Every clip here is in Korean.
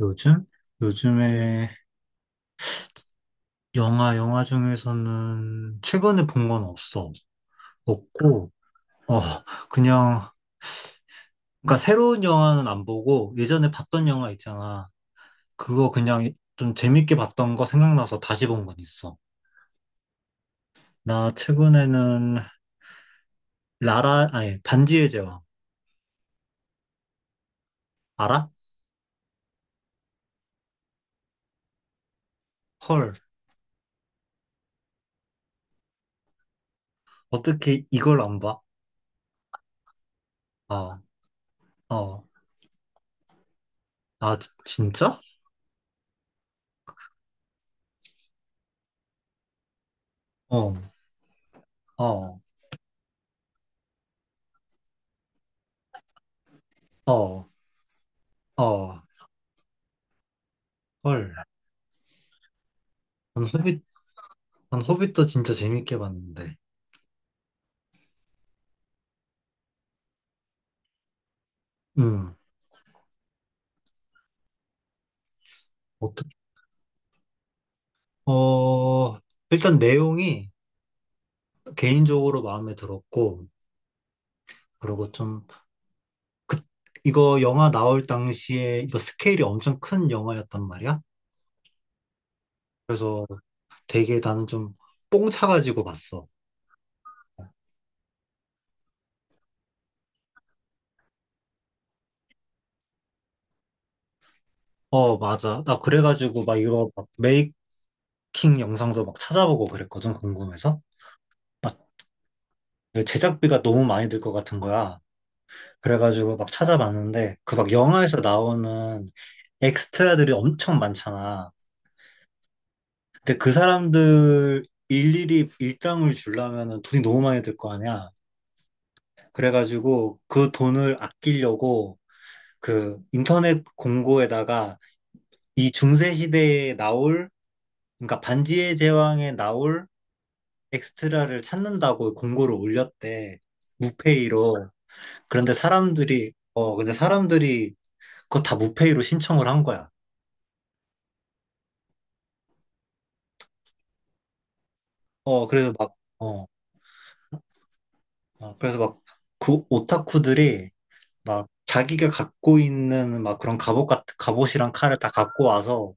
요즘? 요즘에 영화 중에서는 최근에 본 건 없어. 없고, 어, 그냥, 그러니까 새로운 영화는 안 보고 예전에 봤던 영화 있잖아. 그거 그냥 좀 재밌게 봤던 거 생각나서 다시 본 건 있어. 나 최근에는 라라, 아니, 반지의 제왕. 알아? 헐. 어떻게 이걸 안 봐? 어, 어. 아, 진짜? 어, 어, 어, 어. 헐. 난 호빗, 난 호빗도 진짜 재밌게 봤는데. 음, 어떻게, 어, 일단 내용이 개인적으로 마음에 들었고, 그리고 좀, 그, 이거 영화 나올 당시에 이거 스케일이 엄청 큰 영화였단 말이야. 그래서 되게 나는 좀 뽕차가지고 봤어. 어, 맞아. 나 그래가지고 막 이거 막 메이킹 영상도 막 찾아보고 그랬거든, 궁금해서. 막그 제작비가 너무 많이 들 것 같은 거야. 그래가지고 막 찾아봤는데, 그 막 영화에서 나오는 엑스트라들이 엄청 많잖아. 근데 그 사람들 일일이 일당을 주려면 돈이 너무 많이 들 거 아니야. 그래가지고 그 돈을 아끼려고 그 인터넷 공고에다가 이 중세 시대에 나올 그러니까 반지의 제왕에 나올 엑스트라를 찾는다고 공고를 올렸대. 무페이로. 그런데 사람들이 어 근데 사람들이 그거 다 무페이로 신청을 한 거야. 어 그래서 막 어, 그래서 막 그 오타쿠들이 막 자기가 갖고 있는 막 그런 갑옷 같은 갑옷이랑 칼을 다 갖고 와서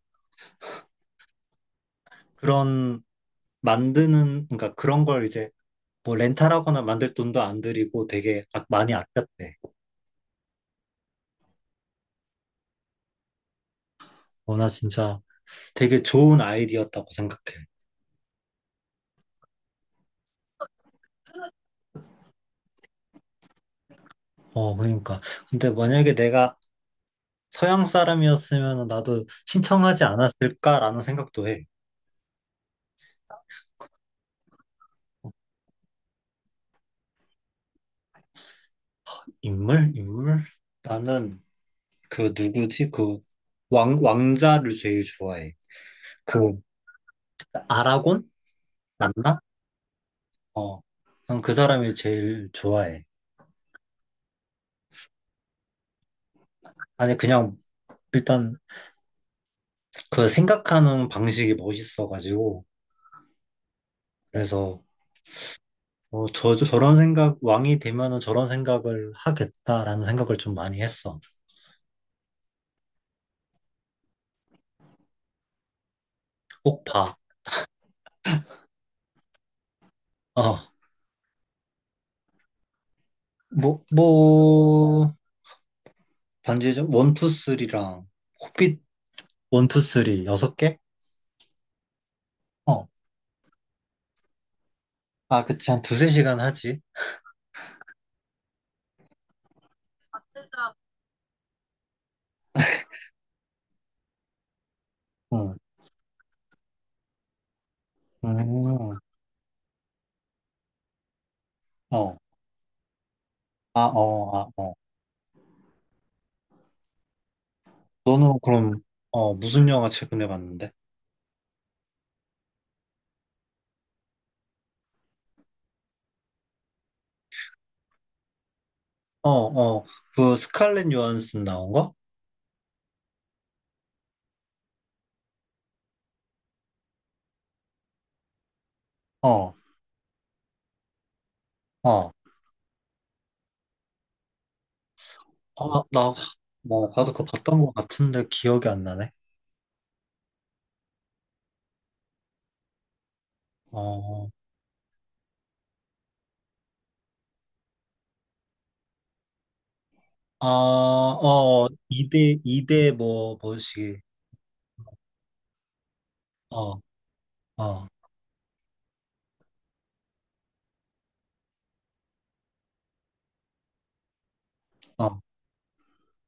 그런 만드는 그러니까 그런 걸 이제 뭐 렌탈하거나 만들 돈도 안 들이고 되게 많이 아꼈대. 어, 나 진짜 되게 좋은 아이디어였다고 생각해. 어, 그러니까. 근데 만약에 내가 서양 사람이었으면 나도 신청하지 않았을까라는 생각도 해. 인물? 인물? 나는 그 누구지? 그 왕자를 제일 좋아해. 그 아라곤? 맞나? 어, 난 그 사람이 제일 좋아해. 아니, 그냥, 일단, 그 생각하는 방식이 멋있어가지고, 그래서, 저런 생각, 왕이 되면은 저런 생각을 하겠다라는 생각을 좀 많이 했어. 꼭 봐. 어, 뭐, 뭐, 반지의 원, 투, 쓰리랑, 호빗 원, 투, 쓰리, 여섯 개? 어, 그치, 한 두세 시간 하지. 응, 음, 어, 아, 어, 아, 어. 너는 그럼, 무슨 영화 최근에 봤는데? 어, 어, 그 스칼렛 요한슨 나온 거? 어, 어, 아, 나도 그거 봤던 것 같은데 기억이 안 나네. 어, 아, 어, 이대이대 어, 어, 어.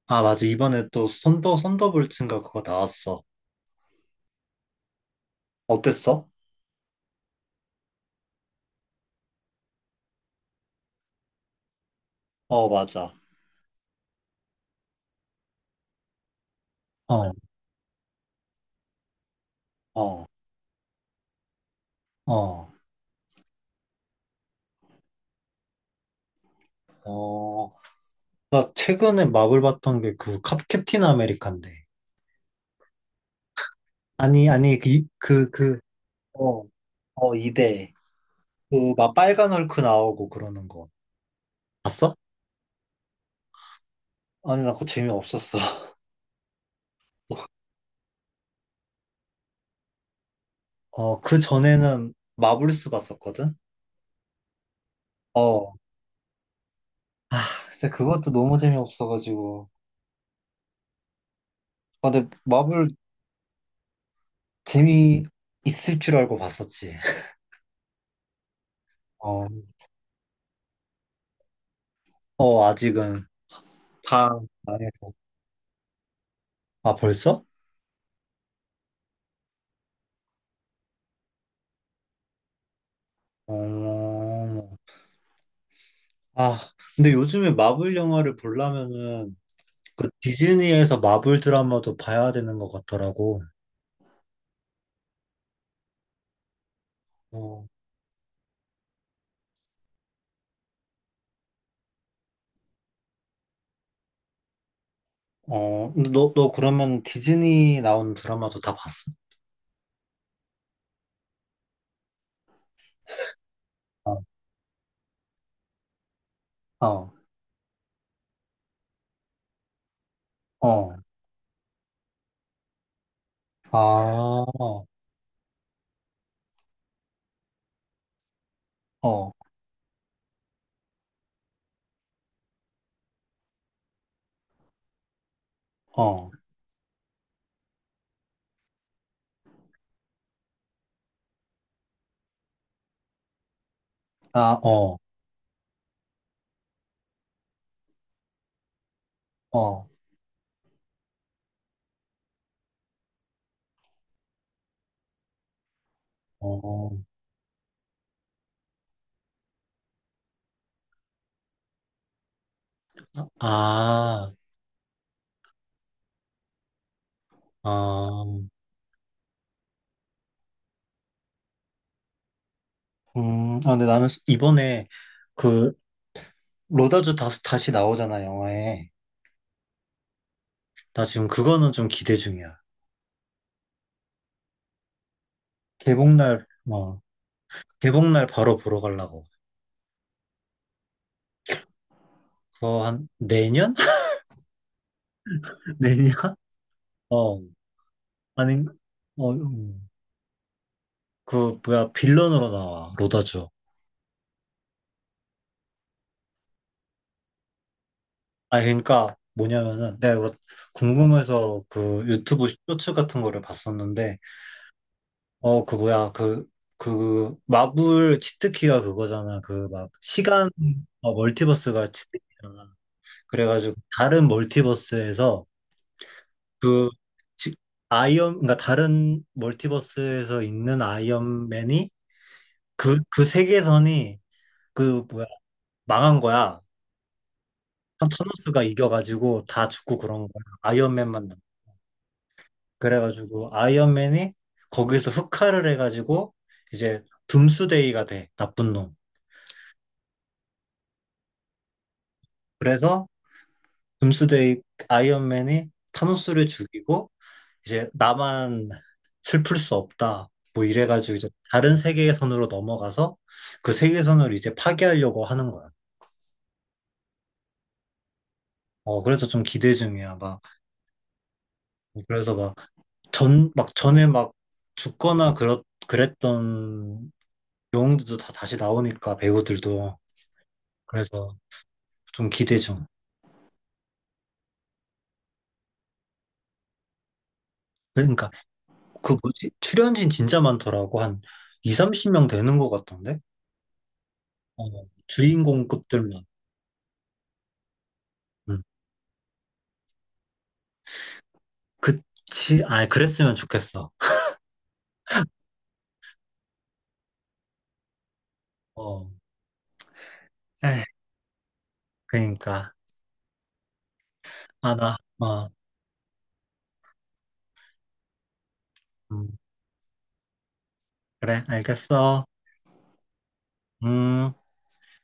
아, 맞아. 이번에 또 썬더볼츠인가 그거 나왔어. 어땠어? 어, 맞아. 어, 어, 어, 어. 나 최근에 마블 봤던 게 그 캡틴 아메리칸데. 아니, 아니, 어, 이대 그 막 빨간 헐크 나오고 그러는 거 봤어? 아니 나 그거 재미없었어. 그 전에는 마블스 봤었거든. 어. 아 근데 그것도 너무 재미없어가지고. 근데 마블 재미 있을 줄 알고 봤었지. 어. 아직은 다 망해서. 벌써? 어. 아 근데 요즘에 마블 영화를 보려면은 그 디즈니에서 마블 드라마도 봐야 되는 것 같더라고. 어. 어, 근데 너 그러면 디즈니 나온 드라마도 다 봤어? 어, 어, 아, 어, 어, 아, 어, 어, 어, 아, 아, 아, 근데 나는 이번에 그 로다주 다시 나오잖아, 영화에. 나 지금 그거는 좀 기대 중이야. 개봉날, 어, 개봉날 바로 보러 가려고. 그거 한 내년? 내년? 어, 아니, 어, 뭐야, 빌런으로 나와, 로다주. 그러니까 뭐냐면은 내가 이거 궁금해서 그 유튜브 쇼츠 같은 거를 봤었는데 어 그 뭐야 그 그 마블 치트키가 그거잖아 그 막 시간. 어, 멀티버스가 치트키잖아. 그래가지고 다른 멀티버스에서 그 지- 아이언 그러니까 다른 멀티버스에서 있는 아이언맨이 그 세계선이 그 뭐야 망한 거야. 한 타노스가 이겨가지고 다 죽고 그런 거야. 아이언맨만. 그래가지고 아이언맨이 거기서 흑화를 해가지고 이제 둠스데이가 돼 나쁜 놈. 그래서 둠스데이 아이언맨이 타노스를 죽이고 이제 나만 슬플 수 없다 뭐 이래가지고 이제 다른 세계선으로 넘어가서 그 세계선을 이제 파괴하려고 하는 거야. 그래서 좀 기대 중이야 막. 그래서 막 전 막 전에 막 죽거나 그렇 그랬던 영웅들도 다 다시 나오니까 배우들도. 그래서 좀 기대 중. 그러니까 그 뭐지? 출연진 진짜 많더라고. 한 2, 30명 되는 것 같던데? 어, 주인공급들만. 음. 그치, 아, 그랬으면 좋겠어. 어, 에이, 그러니까. 아, 음, 그래, 알겠어. 음.